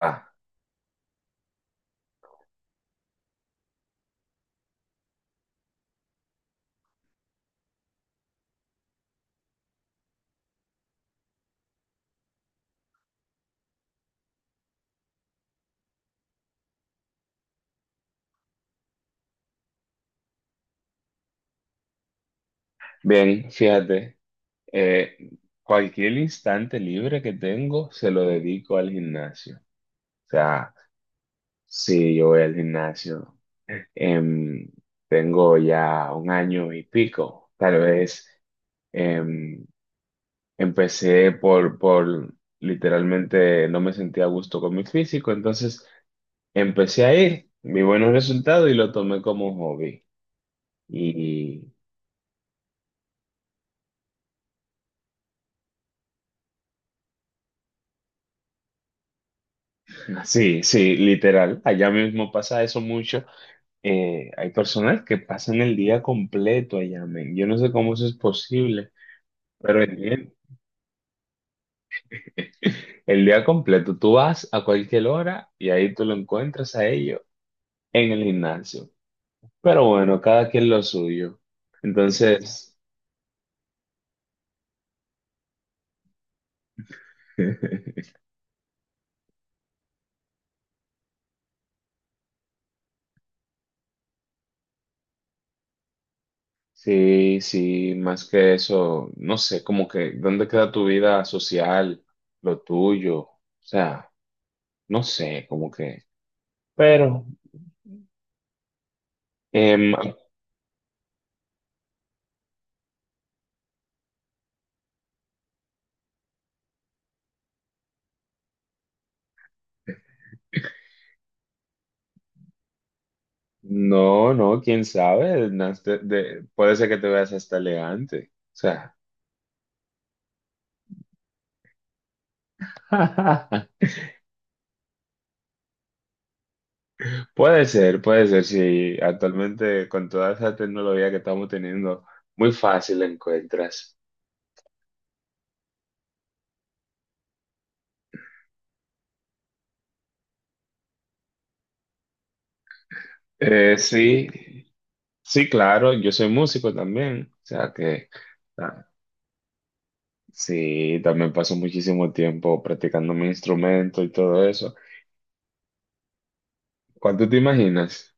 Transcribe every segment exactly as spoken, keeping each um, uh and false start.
Ah, bien, fíjate, eh, cualquier instante libre que tengo se lo dedico al gimnasio. O sea, sí, yo voy al gimnasio. Em, tengo ya un año y pico. Tal vez em, empecé por, por literalmente no me sentía a gusto con mi físico, entonces empecé a ir, vi buenos resultados y lo tomé como hobby. Y sí, sí, literal, allá mismo pasa eso mucho. eh, hay personas que pasan el día completo allá, men. Yo no sé cómo eso es posible, pero el día, el día completo, tú vas a cualquier hora y ahí tú lo encuentras a ellos en el gimnasio. Pero bueno, cada quien lo suyo. Entonces, sí, sí, más que eso, no sé, como que, ¿dónde queda tu vida social, lo tuyo? O sea, no sé, como que, pero... em, No, no, quién sabe. Nas- de- de- puede ser que te veas hasta elegante. O sea, puede ser, puede ser. Si actualmente con toda esa tecnología que estamos teniendo, muy fácil la encuentras. Eh, sí, sí, claro. Yo soy músico también. O sea que ah, sí, también paso muchísimo tiempo practicando mi instrumento y todo eso. ¿Cuánto te imaginas?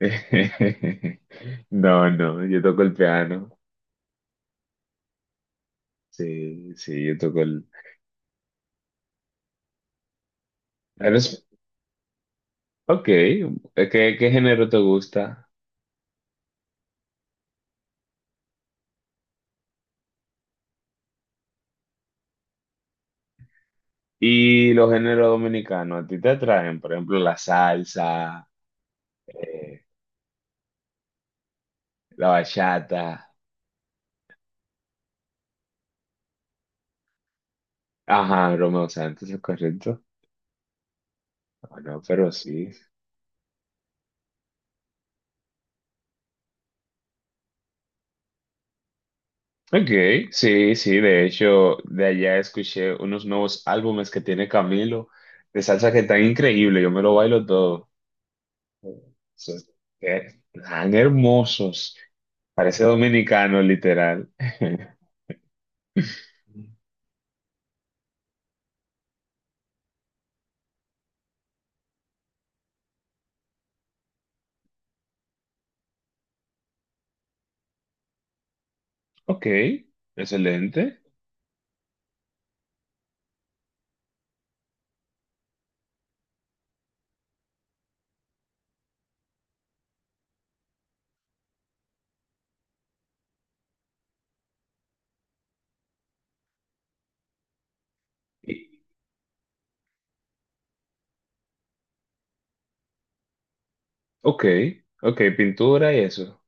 No, no, yo toco el piano. Sí, sí, yo toco el... Eres... Ok, eh, ¿qué, qué género te gusta? Y los géneros dominicanos, ¿a ti te atraen? Por ejemplo, la salsa, eh, la bachata. Ajá, Romeo Santos, ¿es correcto? Bueno, pero sí. Ok, sí, sí, de hecho, de allá escuché unos nuevos álbumes que tiene Camilo, de salsa que están increíbles, yo me lo bailo todo. Son- eh, Tan hermosos, parece dominicano, literal. Ok, excelente. Y- Ok, ok, pintura y eso.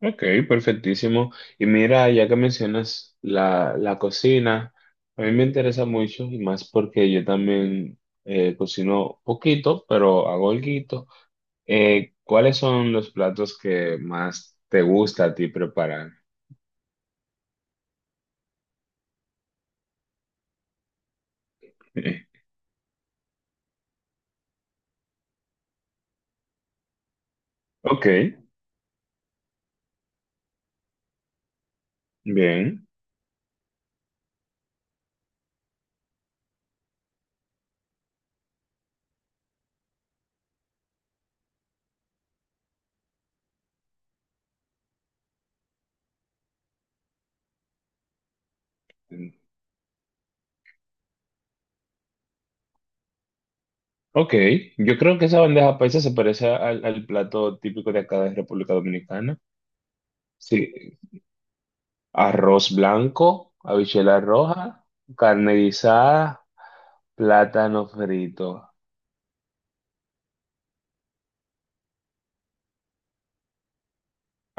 Ok, perfectísimo. Y mira, ya que mencionas la, la cocina, a mí me interesa mucho y más porque yo también eh, cocino poquito, pero hago alguito. Eh, ¿cuáles son los platos que más te gusta a ti preparar? Ok, bien. Ok, yo creo que esa bandeja paisa se parece al, al plato típico de acá de República Dominicana. Sí, arroz blanco, habichuela roja, carne guisada, plátano frito.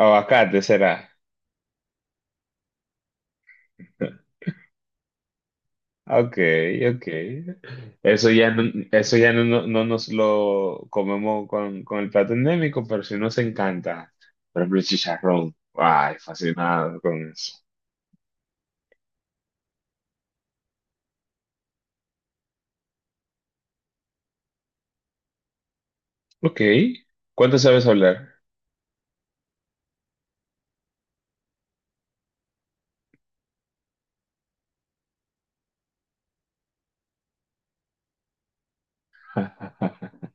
Aguacate será. Ok, ok. Eso ya no, eso ya no, no- no nos lo comemos con, con el plato endémico, pero sí nos encanta. Por ejemplo, el chicharrón. Ay, fascinado con eso. Ok. ¿Cuánto sabes hablar?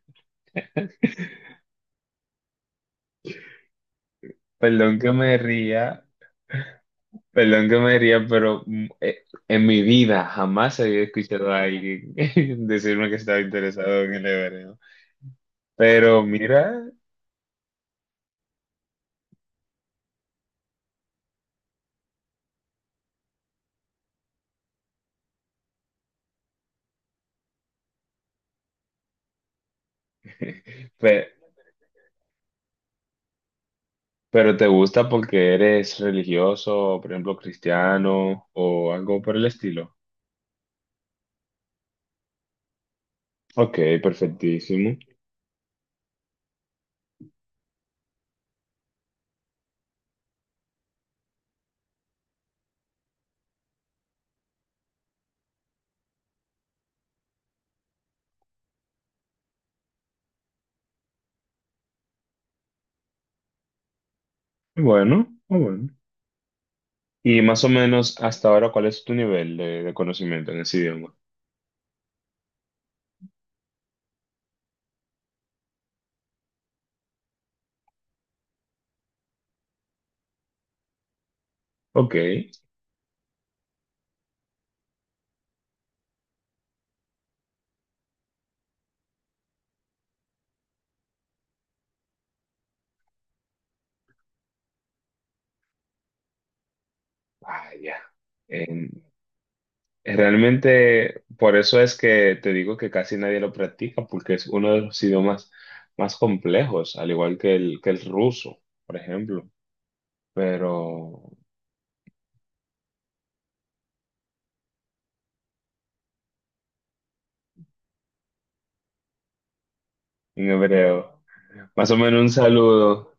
Perdón que me ría. Perdón que me ría, pero mm, eh, en mi vida jamás había escuchado a alguien decirme que estaba interesado en el hebreo. Pero mira, pe- pero te gusta porque eres religioso, por ejemplo, cristiano o algo por el estilo. Ok, perfectísimo. Bueno, muy bueno. Y más o menos hasta ahora, ¿cuál es tu nivel de, de conocimiento en ese idioma? Ok, vaya. Realmente, por eso es que te digo que casi nadie lo practica, porque es uno de los idiomas más complejos, al igual que el, que el ruso, por ejemplo, pero en hebreo. Más o menos un saludo.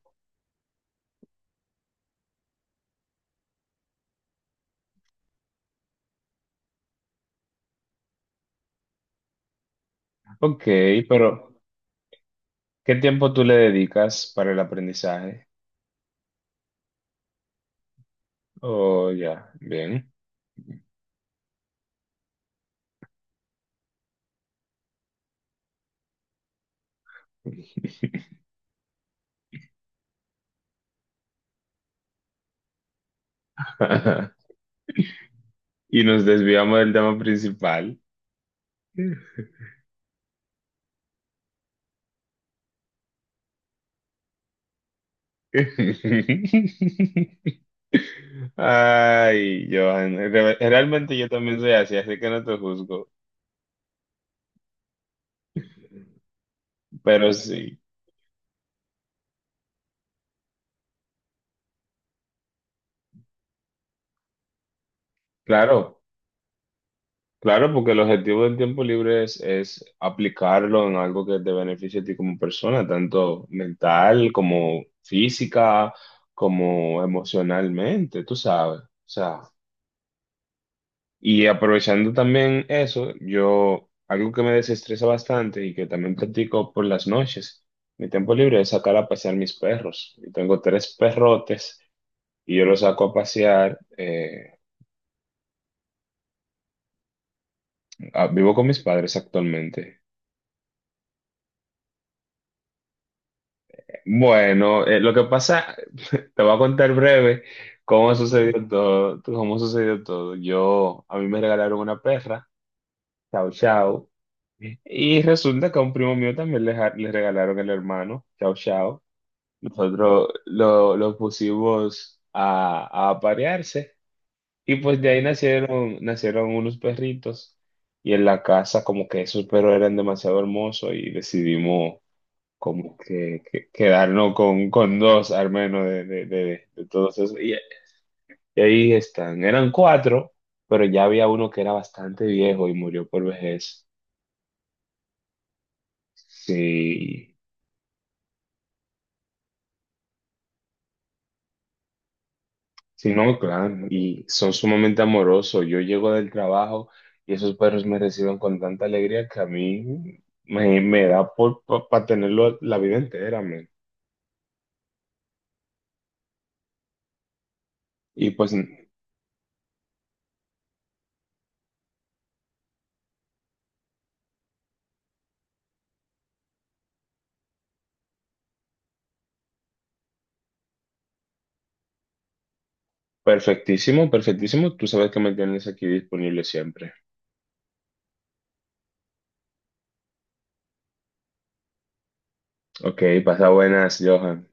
Ok, pero ¿qué tiempo tú le dedicas para el aprendizaje? Oh, ya, bien. Y nos desviamos del tema principal. Ay, Johan, re- realmente yo también soy así, así que no te juzgo, pero sí, claro, claro, porque el objetivo del tiempo libre es, es aplicarlo en algo que te beneficie a ti como persona, tanto mental como física, como emocionalmente, tú sabes, o sea. Y aprovechando también eso, yo, algo que me desestresa bastante y que también practico por las noches, mi tiempo libre es sacar a pasear mis perros. Yo tengo tres perrotes y yo los saco a pasear. Eh, ah, vivo con mis padres actualmente. Bueno, eh, lo que pasa, te voy a contar breve cómo sucedió todo, cómo sucedió todo. Yo, a mí me regalaron una perra, Chao Chao. Y resulta que a un primo mío también le, ja- le regalaron el hermano, Chao Chao. Nosotros lo, lo pusimos a, a aparearse y pues de ahí nacieron, nacieron unos perritos y en la casa como que esos perros eran demasiado hermosos y decidimos como que, que- quedarnos con, con dos al menos de, de, de- de todos esos. Y, y ahí están, eran cuatro, pero ya había uno que era bastante viejo y murió por vejez. Sí. Sí, no, claro, y son sumamente amorosos. Yo llego del trabajo y esos perros me reciben con tanta alegría que a mí me, me da por para tenerlo la vida entera, men. Y pues perfectísimo, perfectísimo. Tú sabes que me tienes aquí disponible siempre. Ok, pasa buenas, Johan.